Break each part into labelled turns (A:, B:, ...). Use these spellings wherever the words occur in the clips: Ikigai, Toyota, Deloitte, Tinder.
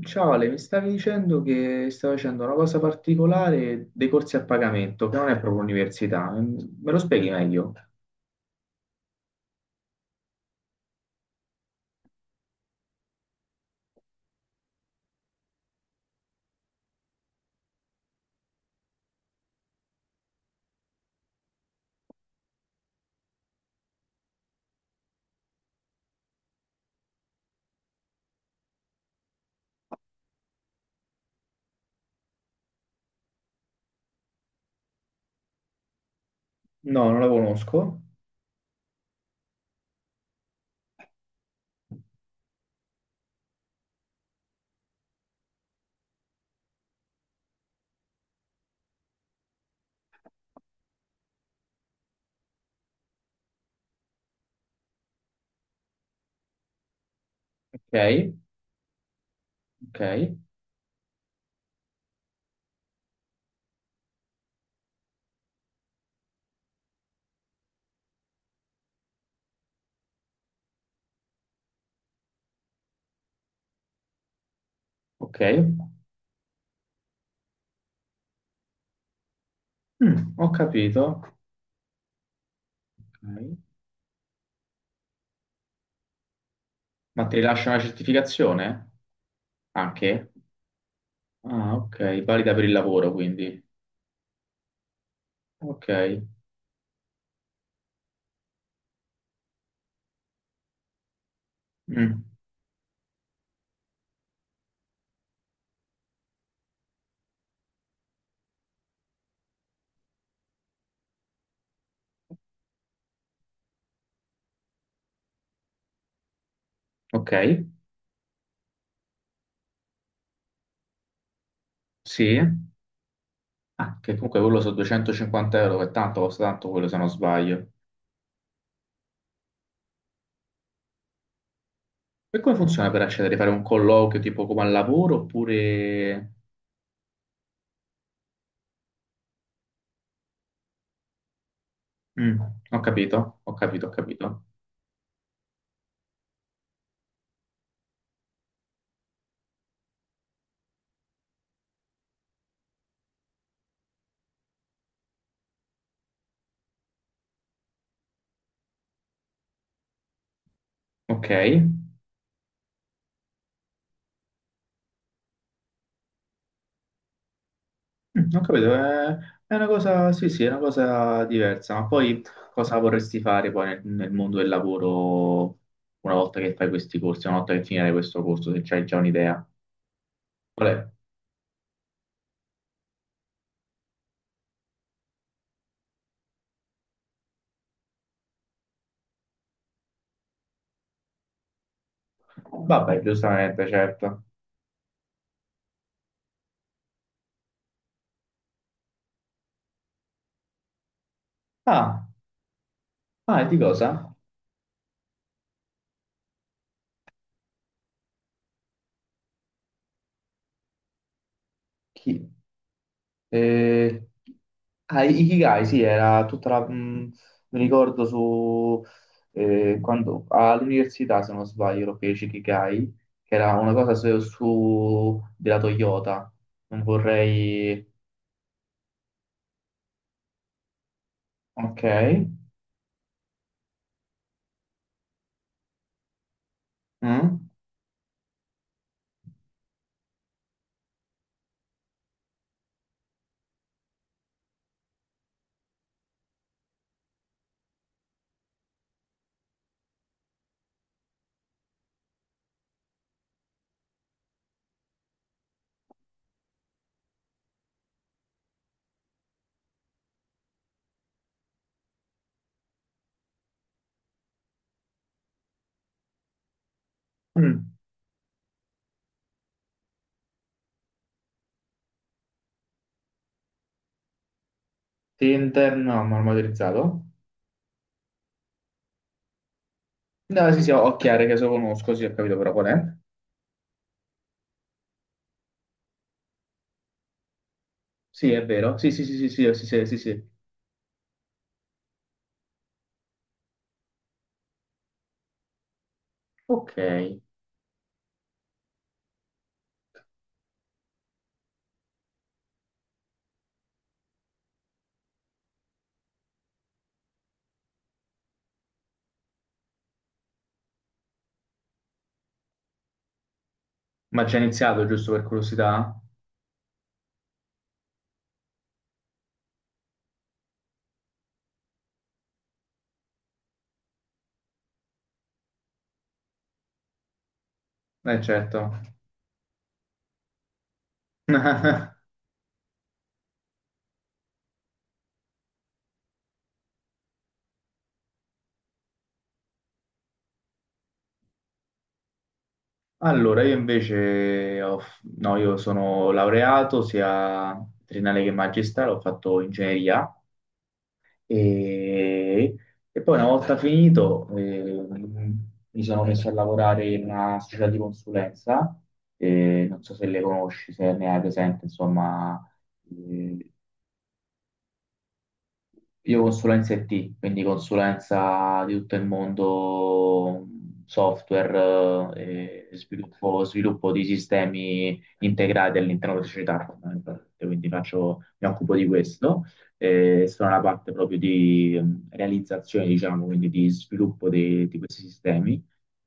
A: Ciao Ale, mi stavi dicendo che stai facendo una cosa particolare dei corsi a pagamento, che non è proprio università. Me lo spieghi meglio? No, non la conosco. Ok, ok, ok. Mm, ho capito. Ok. Ma ti rilascia una certificazione? Anche? Ah, ok, valida per il lavoro, quindi. Ok. Mm, ok, sì. Ah, che comunque quello sono 250 euro, che tanto costa tanto quello se non sbaglio. E come funziona per accedere? Fare un colloquio tipo come al lavoro oppure... Mm, ho capito, ho capito, ho capito. Ok, mm, ho capito, è una cosa, sì, sì, è una cosa diversa, ma poi cosa vorresti fare poi nel mondo del lavoro una volta che fai questi corsi, una volta che finirai questo corso, se c'hai già un'idea? Qual è? Vabbè, giustamente, certo. Ah, ah, e di cosa? Chi? Eh, ah, Ikigai, sì, era tutta la... mi ricordo su... quando, all'università, se non sbaglio, lo feci Ikigai, che era una cosa su, della Toyota. Non vorrei... Ok. Mm? Mm. Tinder, no, marmorizzato. No, sì, sì, ho chiaro che se lo conosco, sì, ho capito però qual è. Sì, è vero. Sì, sì, sì, sì, sì, sì, sì, sì, sì. Ok. Ma già iniziato, giusto per curiosità? Certo. Allora, io invece, ho f- no, io sono laureato sia triennale che magistrale, ho fatto ingegneria e, e poi una volta finito mi sono messo a lavorare in una società di consulenza, non so se le conosci, se ne hai presente, insomma, eh, io consulenza IT, quindi consulenza di tutto il mondo software e sviluppo, sviluppo di sistemi integrati all'interno della società, fondamentalmente. Quindi mi occupo di questo. Sono la parte proprio di realizzazione, diciamo, quindi di sviluppo di questi sistemi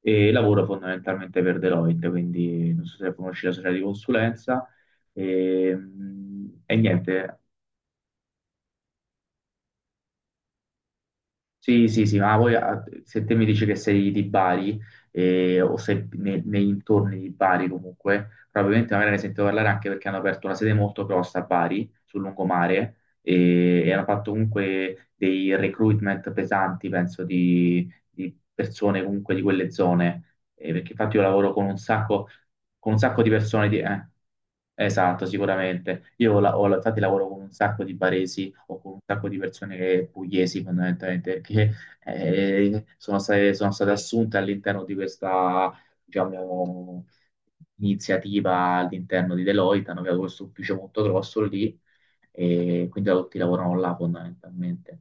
A: e lavoro fondamentalmente per Deloitte, quindi non so se conosci la società di consulenza. E niente, sì, sì, sì, ma voi ah, se te mi dici che sei di Bari o sei nei intorni di Bari comunque, probabilmente magari ne sento parlare anche perché hanno aperto una sede molto grossa a Bari, sul lungomare, e hanno fatto comunque dei recruitment pesanti, penso, di persone comunque di quelle zone. Perché infatti io lavoro con un sacco di persone di... esatto, sicuramente. Io ho, la- ho- Infatti lavoro con un sacco di baresi o con un sacco di persone pugliesi fondamentalmente che sono state assunte all'interno di questa, diciamo, iniziativa all'interno di Deloitte, hanno creato questo ufficio molto grosso lì e quindi tutti lavorano là fondamentalmente.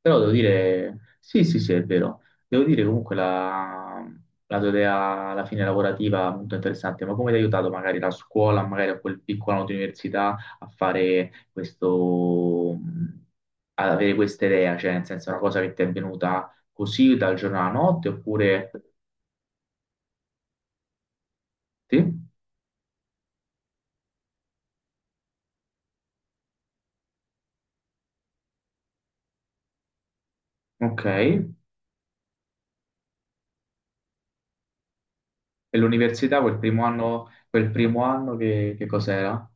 A: Però devo dire, sì, sì, sì, è vero. Devo dire comunque la, la tua idea alla fine lavorativa è molto interessante, ma come ti ha aiutato magari la scuola, magari a quel piccolo anno di università a fare questo, ad avere questa idea, cioè nel senso è una cosa che ti è venuta così dal giorno alla notte, oppure sì? Ok. E l'università quel primo anno che cos'era?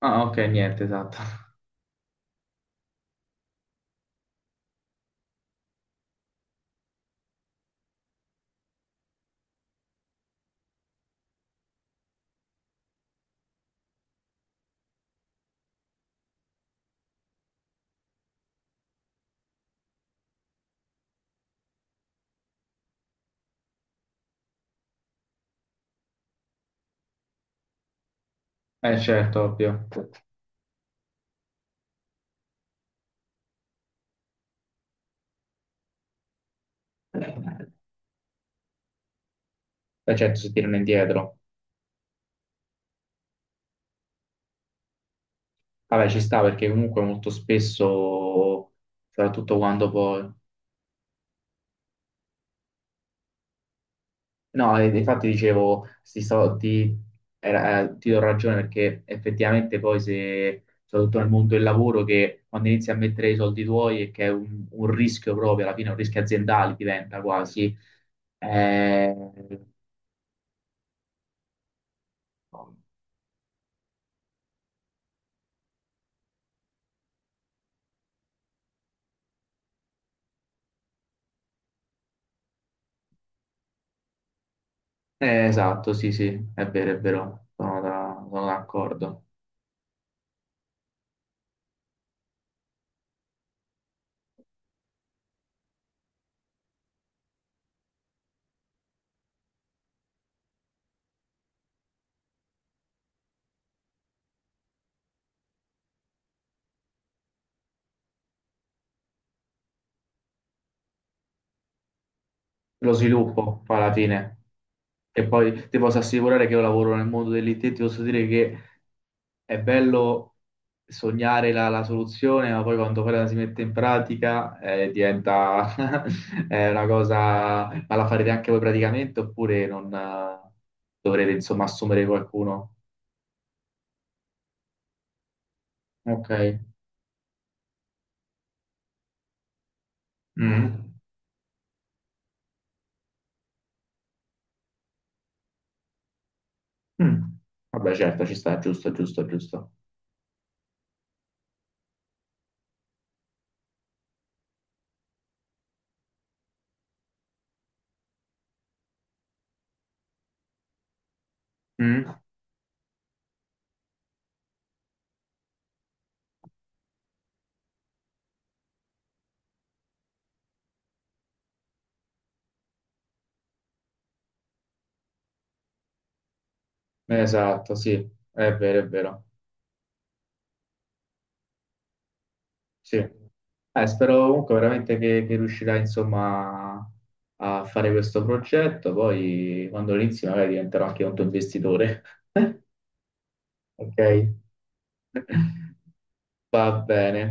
A: Ah, ok, niente, esatto. Eh certo, ovvio. La gente si tirano indietro. Vabbè, ci sta perché comunque molto spesso, soprattutto quando poi... No, infatti dicevo, sti soldi, ti do ragione perché effettivamente poi se, soprattutto nel mondo del lavoro, che quando inizi a mettere i soldi tuoi e che è un rischio proprio, alla fine un rischio aziendale diventa quasi... Eh, esatto, sì, sì, è vero, sono d'accordo. Lo sviluppo, poi alla fine. E poi ti posso assicurare che io lavoro nel mondo dell'IT, ti posso dire che è bello sognare la, la soluzione, ma poi quando poi la si mette in pratica diventa è una cosa... Ma la farete anche voi praticamente oppure non dovrete insomma assumere qualcuno? Ok. Mm. Mm. Vabbè certo, ci sta, giusto, giusto, giusto. Mm. Esatto, sì, è vero, è vero. Sì. Spero comunque veramente che riuscirai insomma a fare questo progetto, poi quando lo inizi magari diventerò anche un tuo investitore. Ok, va bene.